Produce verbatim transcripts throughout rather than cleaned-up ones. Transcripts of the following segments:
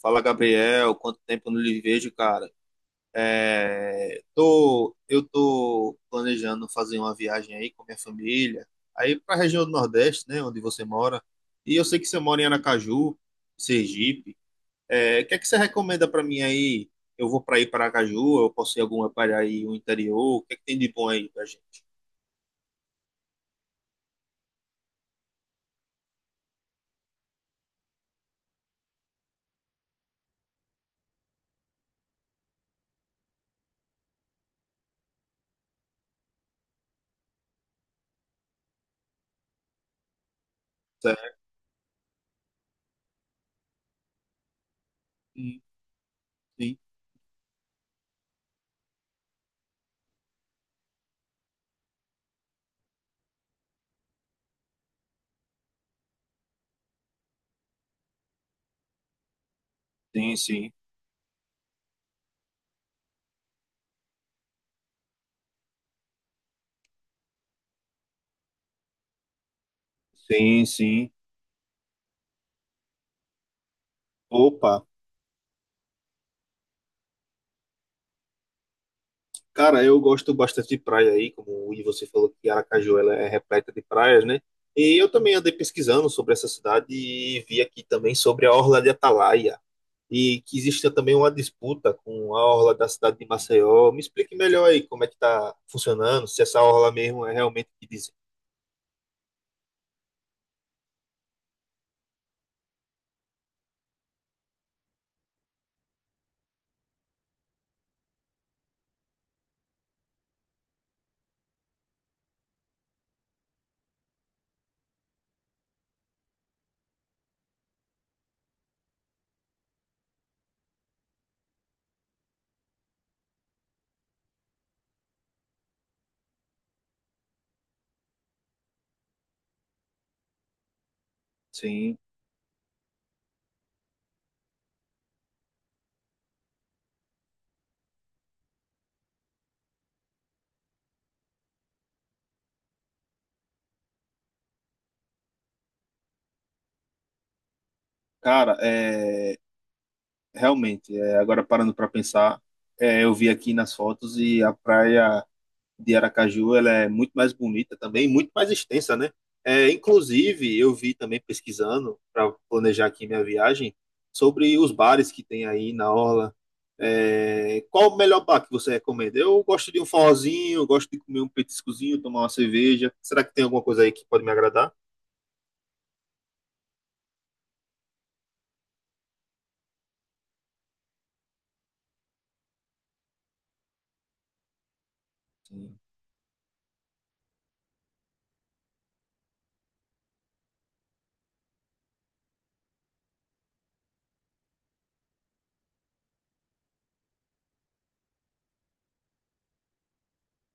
Fala, Gabriel. Quanto tempo eu não lhe vejo, cara? É, tô, eu tô planejando fazer uma viagem aí com minha família, aí para a região do Nordeste, né, onde você mora. E eu sei que você mora em Aracaju, Sergipe. É, o que é que você recomenda para mim aí? Eu vou para ir para Aracaju, eu posso ir alguma para aí o interior? O que é que tem de bom aí pra gente? Certo? Sim, sim, sim, sim, sim. Sim. Opa! Cara, eu gosto bastante de praia aí, como e você falou que Aracaju ela é repleta de praias, né? E eu também andei pesquisando sobre essa cidade e vi aqui também sobre a Orla de Atalaia e que existe também uma disputa com a Orla da cidade de Maceió. Me explique melhor aí como é que tá funcionando, se essa Orla mesmo é realmente o que dizem. Sim, cara, é realmente, é, agora parando para pensar, é, eu vi aqui nas fotos e a praia de Aracaju ela é muito mais bonita também, muito mais extensa, né? É, inclusive, eu vi também pesquisando para planejar aqui minha viagem sobre os bares que tem aí na orla. É, qual o melhor bar que você recomenda? Eu gosto de um forrozinho, eu gosto de comer um petiscozinho, tomar uma cerveja. Será que tem alguma coisa aí que pode me agradar? Sim,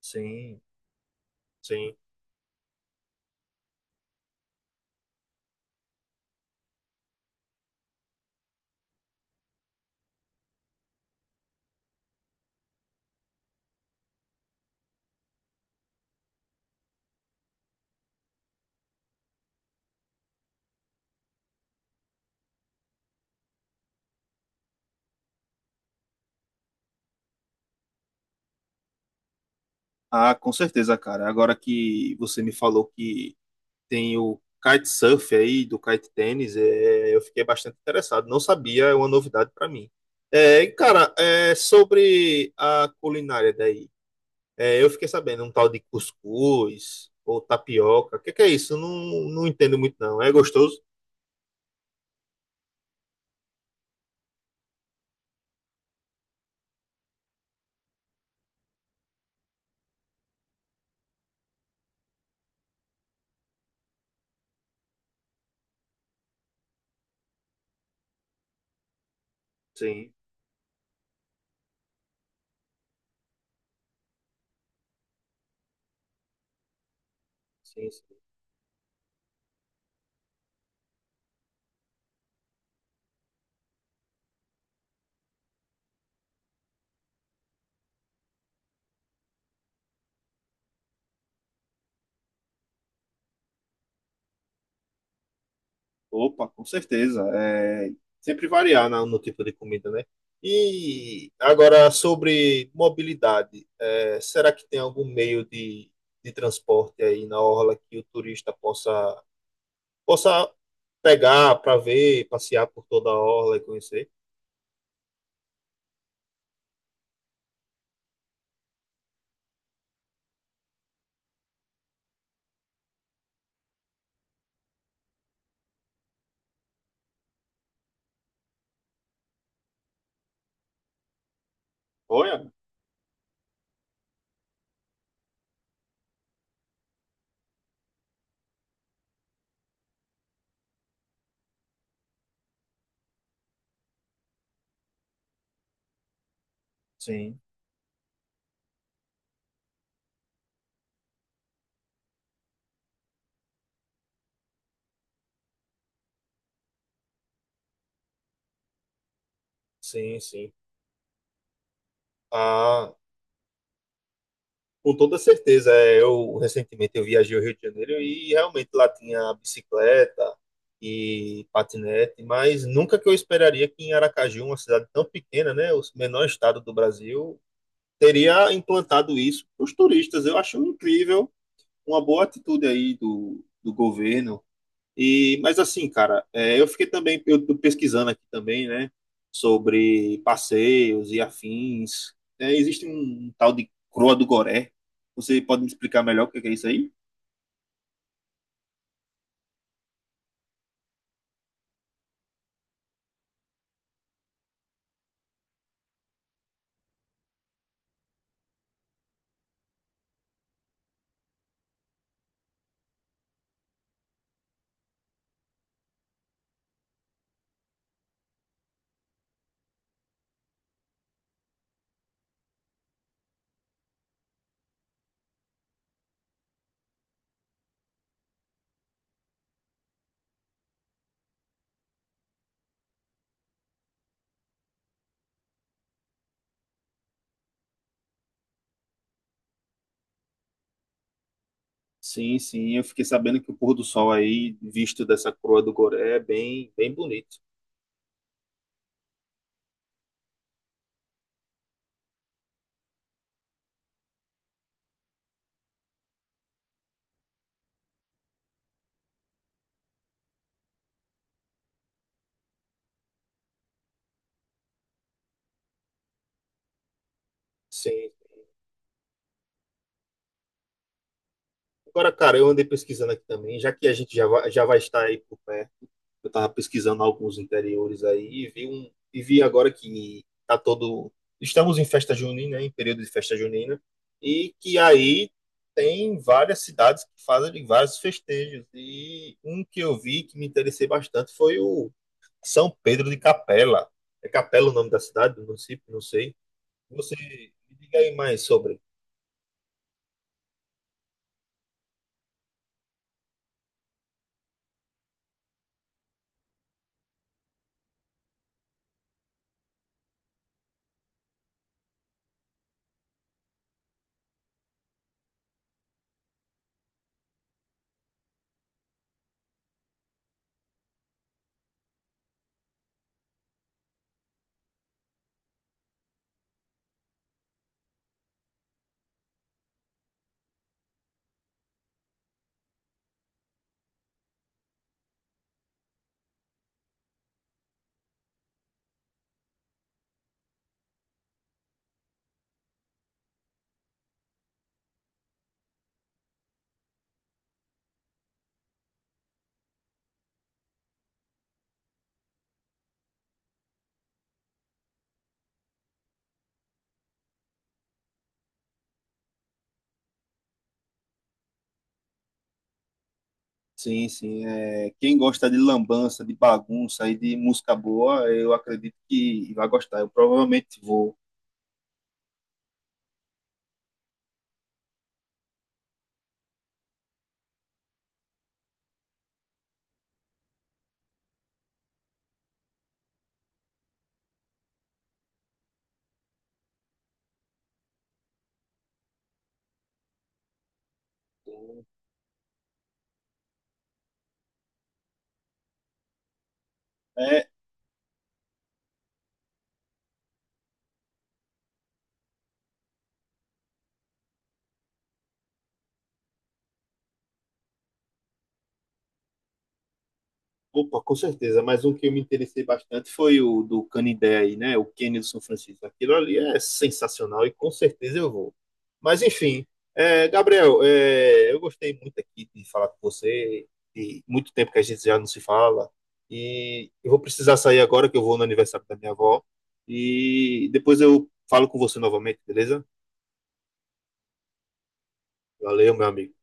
sim, sim. Ah, com certeza, cara. Agora que você me falou que tem o kitesurf aí, do kite tênis, é, eu fiquei bastante interessado. Não sabia, é uma novidade para mim. É, cara, é, sobre a culinária daí, é, eu fiquei sabendo um tal de cuscuz ou tapioca. O que, que é isso? Eu não, não entendo muito, não. É gostoso? Sim, sim, sim. Opa, com certeza. É, sempre variar na- no tipo de comida, né? E agora sobre mobilidade, é, será que tem algum meio de, de transporte aí na orla que o turista possa, possa pegar para ver, passear por toda a orla e conhecer? Olha. Sim, sim, sim. Ah, com toda certeza, é, eu recentemente eu viajei ao Rio de Janeiro e realmente lá tinha bicicleta e patinete, mas nunca que eu esperaria que em Aracaju, uma cidade tão pequena, né, o menor estado do Brasil, teria implantado isso para os turistas. Eu acho incrível, uma boa atitude aí do, do governo, e, mas assim, cara, é, eu fiquei também, eu tô pesquisando aqui também, né, sobre passeios e afins. É, existe um, um tal de Croa do Goré. Você pode me explicar melhor o que que é isso aí? Sim, sim, eu fiquei sabendo que o pôr do sol aí, visto dessa Croa do Goré, é bem, bem bonito. Sim. Agora, cara, eu andei pesquisando aqui também, já que a gente já vai, já vai estar aí por perto. Eu estava pesquisando alguns interiores aí e vi um e vi agora que tá todo estamos em festa junina, em período de festa junina, e que aí tem várias cidades que fazem vários festejos. E um que eu vi que me interessei bastante foi o São Pedro de Capela. É Capela o nome da cidade, do município, não sei. Você me diga aí mais sobre. Sim, sim. É, quem gosta de lambança, de bagunça e de música boa, eu acredito que vai gostar. Eu provavelmente vou. É, opa, com certeza. Mas um que eu me interessei bastante foi o do Canindé aí, né? O Kenny do São Francisco. Aquilo ali é sensacional e com certeza eu vou. Mas enfim, é, Gabriel, é, eu gostei muito aqui de falar com você. E muito tempo que a gente já não se fala. E eu vou precisar sair agora que eu vou no aniversário da minha avó. E depois eu falo com você novamente, beleza? Valeu, meu amigo.